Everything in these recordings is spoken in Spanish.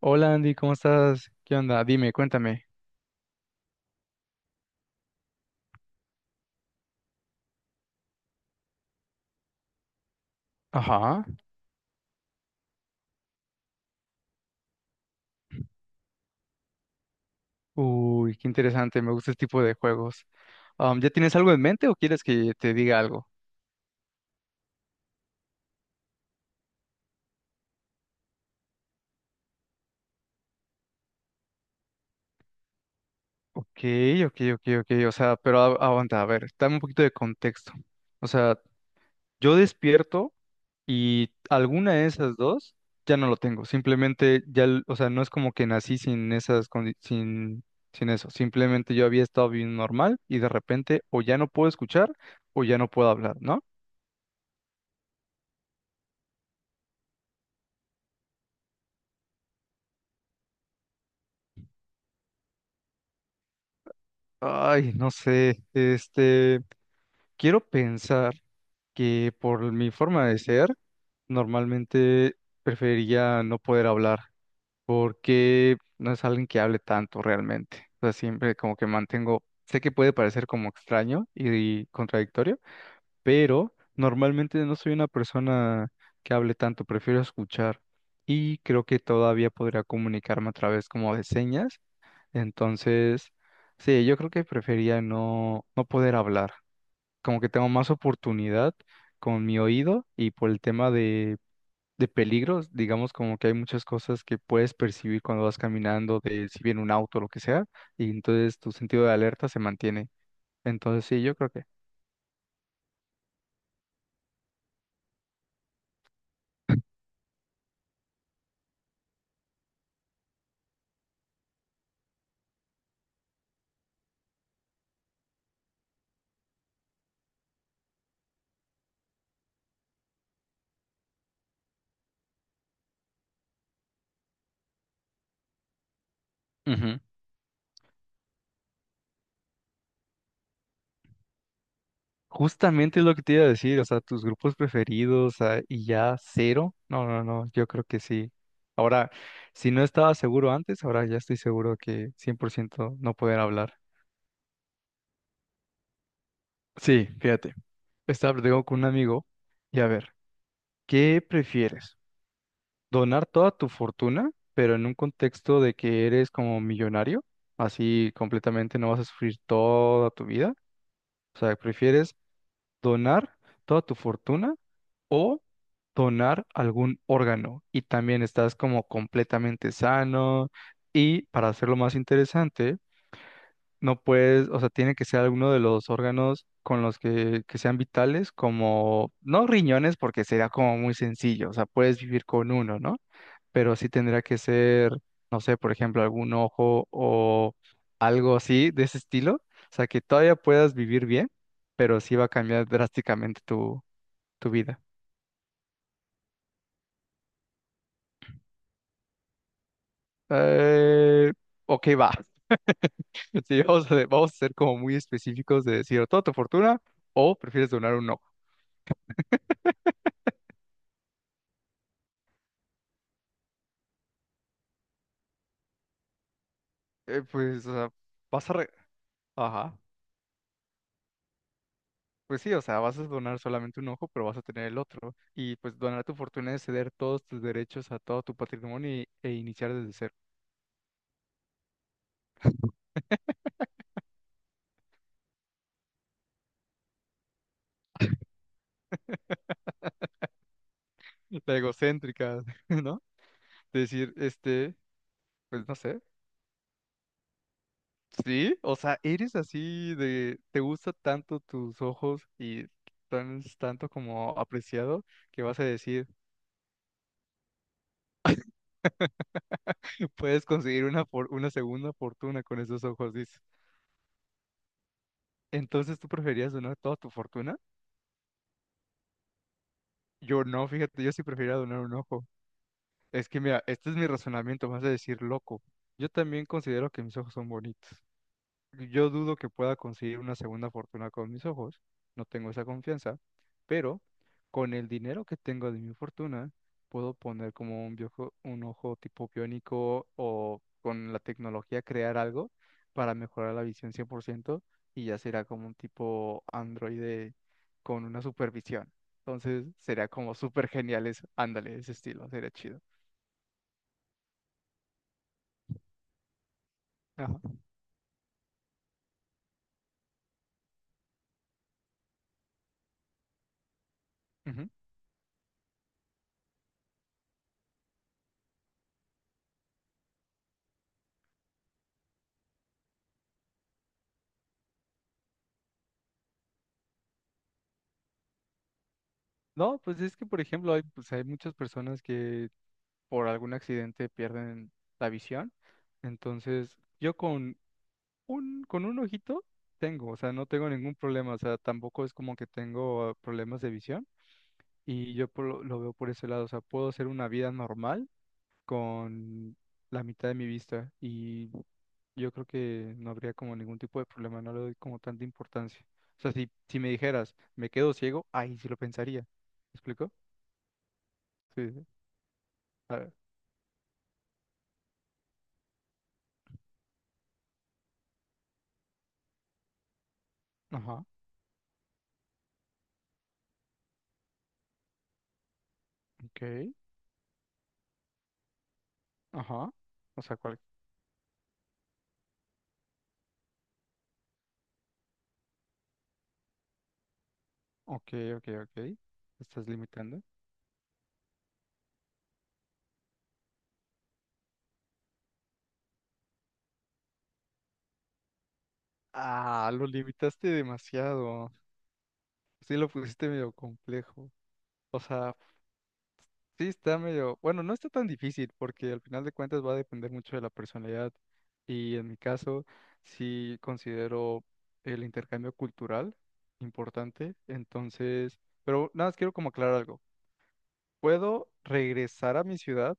Hola Andy, ¿cómo estás? ¿Qué onda? Dime, cuéntame. Ajá. Uy, qué interesante, me gusta este tipo de juegos. ¿Ya tienes algo en mente o quieres que te diga algo? Ok, ok. O sea, pero aguanta, a ver, dame un poquito de contexto. O sea, yo despierto y alguna de esas dos ya no lo tengo. Simplemente ya, o sea, no es como que nací sin esas, sin, sin eso. Simplemente yo había estado bien normal y de repente o ya no puedo escuchar o ya no puedo hablar, ¿no? Ay, no sé, quiero pensar que por mi forma de ser, normalmente preferiría no poder hablar, porque no es alguien que hable tanto realmente. O sea, siempre como que mantengo, sé que puede parecer como extraño y contradictorio, pero normalmente no soy una persona que hable tanto, prefiero escuchar y creo que todavía podría comunicarme a través como de señas, entonces, sí, yo creo que prefería no poder hablar. Como que tengo más oportunidad con mi oído y por el tema de peligros, digamos como que hay muchas cosas que puedes percibir cuando vas caminando, de si viene un auto o lo que sea, y entonces tu sentido de alerta se mantiene. Entonces, sí, yo creo que. Ujú. Justamente es lo que te iba a decir, o sea, tus grupos preferidos ah, y ya cero. No, no, no, yo creo que sí. Ahora, si no estaba seguro antes, ahora ya estoy seguro que 100% no poder hablar. Sí, fíjate, estaba platicando con un amigo y a ver, ¿qué prefieres? ¿Donar toda tu fortuna, pero en un contexto de que eres como millonario? Así completamente no vas a sufrir toda tu vida. O sea, ¿prefieres donar toda tu fortuna? O donar algún órgano y también estás como completamente sano y para hacerlo más interesante, no puedes, o sea, tiene que ser alguno de los órganos con los que sean vitales, como, no riñones porque sería como muy sencillo, o sea, puedes vivir con uno, ¿no? Pero sí tendría que ser, no sé, por ejemplo, algún ojo o algo así de ese estilo, o sea, que todavía puedas vivir bien, pero sí va a cambiar drásticamente tu vida. Eh, ok, va. Sí, vamos a ser como muy específicos de decir o toda tu fortuna o prefieres donar un ojo. Pues, o sea, vas a... Ajá. Pues sí, o sea, vas a donar solamente un ojo, pero vas a tener el otro. Y pues donar tu fortuna es ceder todos tus derechos a todo tu patrimonio e iniciar desde cero. La egocéntrica, ¿no? Decir, pues no sé. Sí, o sea, eres así de, te gusta tanto tus ojos y tanto como apreciado que vas a decir, puedes conseguir una segunda fortuna con esos ojos, dice. Entonces, ¿tú preferías donar toda tu fortuna? Yo no, fíjate, yo sí prefiero donar un ojo. Es que mira, este es mi razonamiento, vas a decir loco. Yo también considero que mis ojos son bonitos. Yo dudo que pueda conseguir una segunda fortuna con mis ojos, no tengo esa confianza, pero con el dinero que tengo de mi fortuna, puedo poner como un ojo tipo biónico o con la tecnología crear algo para mejorar la visión 100% y ya será como un tipo androide con una supervisión. Entonces sería como súper genial eso. Ándale, ese estilo, sería chido. Ajá. Ujú. No, pues es que, por ejemplo, hay, pues hay muchas personas que por algún accidente pierden la visión. Entonces, yo con con un ojito tengo, o sea, no tengo ningún problema, o sea, tampoco es como que tengo problemas de visión y yo por lo veo por ese lado, o sea, puedo hacer una vida normal con la mitad de mi vista y yo creo que no habría como ningún tipo de problema, no le doy como tanta importancia. O sea, si me dijeras, me quedo ciego, ahí sí lo pensaría. ¿Me explico? Sí. Sí. Sí. A ver. Ajá, ok, ajá. O sea, cualquier ok, Te estás limitando. Ah, lo limitaste demasiado. Sí, lo pusiste medio complejo. O sea, sí está medio. Bueno, no está tan difícil porque al final de cuentas va a depender mucho de la personalidad. Y en mi caso, sí considero el intercambio cultural importante. Entonces, pero nada más quiero como aclarar algo. Puedo regresar a mi ciudad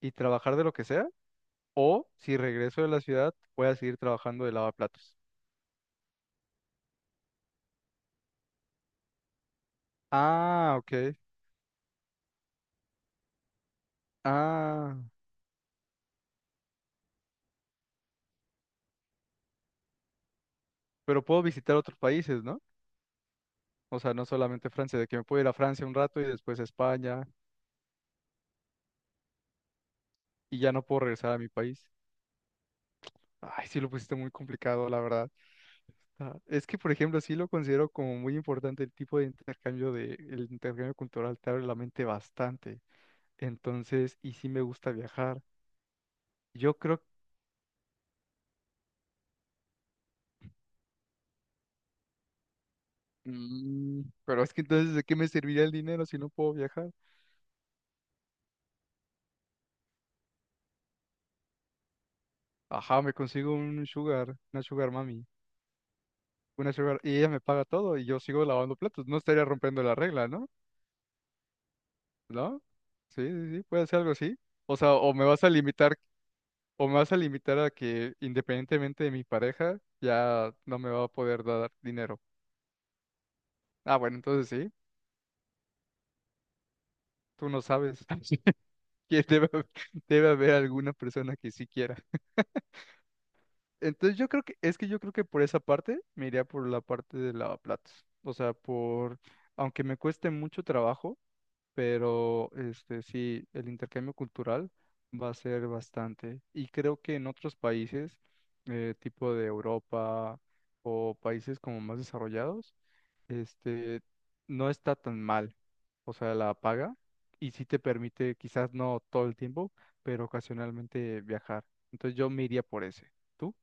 y trabajar de lo que sea, o si regreso de la ciudad, voy a seguir trabajando de lavaplatos. Ah, ok. Ah, pero puedo visitar otros países, ¿no? O sea, no solamente Francia, de que me puedo ir a Francia un rato y después a España y ya no puedo regresar a mi país. Ay, sí lo pusiste muy complicado, la verdad. Ah, es que, por ejemplo, sí lo considero como muy importante el tipo de intercambio de, el intercambio cultural te abre la mente bastante. Entonces, y sí me gusta viajar. Yo creo, pero es que entonces, ¿de qué me serviría el dinero si no puedo viajar? Ajá, me consigo un sugar, una sugar mami. Y ella me paga todo y yo sigo lavando platos. No estaría rompiendo la regla, ¿no? ¿No? Sí, sí, sí, puede ser algo así. O sea, o me vas a limitar a que independientemente de mi pareja, ya no me va a poder dar dinero. Ah, bueno, entonces sí, tú no sabes que debe haber alguna persona que sí quiera. Entonces yo creo que, es que yo creo que por esa parte me iría por la parte de lavaplatos. O sea, por, aunque me cueste mucho trabajo, pero este sí, el intercambio cultural va a ser bastante. Y creo que en otros países, tipo de Europa o países como más desarrollados, este no está tan mal. O sea, la paga y sí te permite, quizás no todo el tiempo, pero ocasionalmente viajar. Entonces yo me iría por ese. ¿Tú?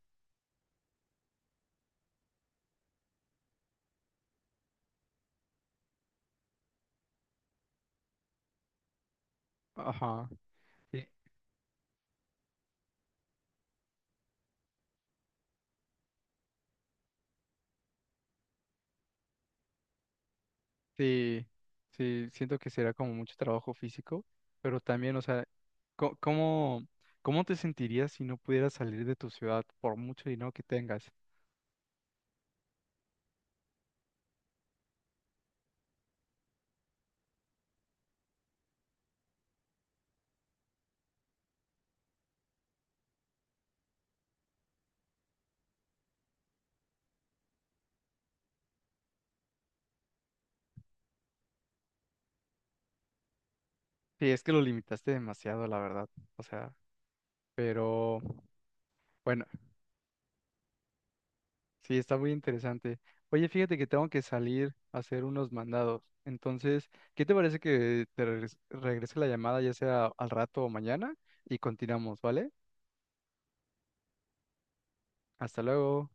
Ajá. Y- Sí, sí, siento que será como mucho trabajo físico, pero también, o sea, ¿cómo, cómo te sentirías si no pudieras salir de tu ciudad por mucho dinero que tengas? Sí, es que lo limitaste demasiado, la verdad. O sea, pero bueno, sí, está muy interesante. Oye, fíjate que tengo que salir a hacer unos mandados. Entonces, ¿qué te parece que te regrese la llamada ya sea al rato o mañana y continuamos, ¿vale? Hasta luego.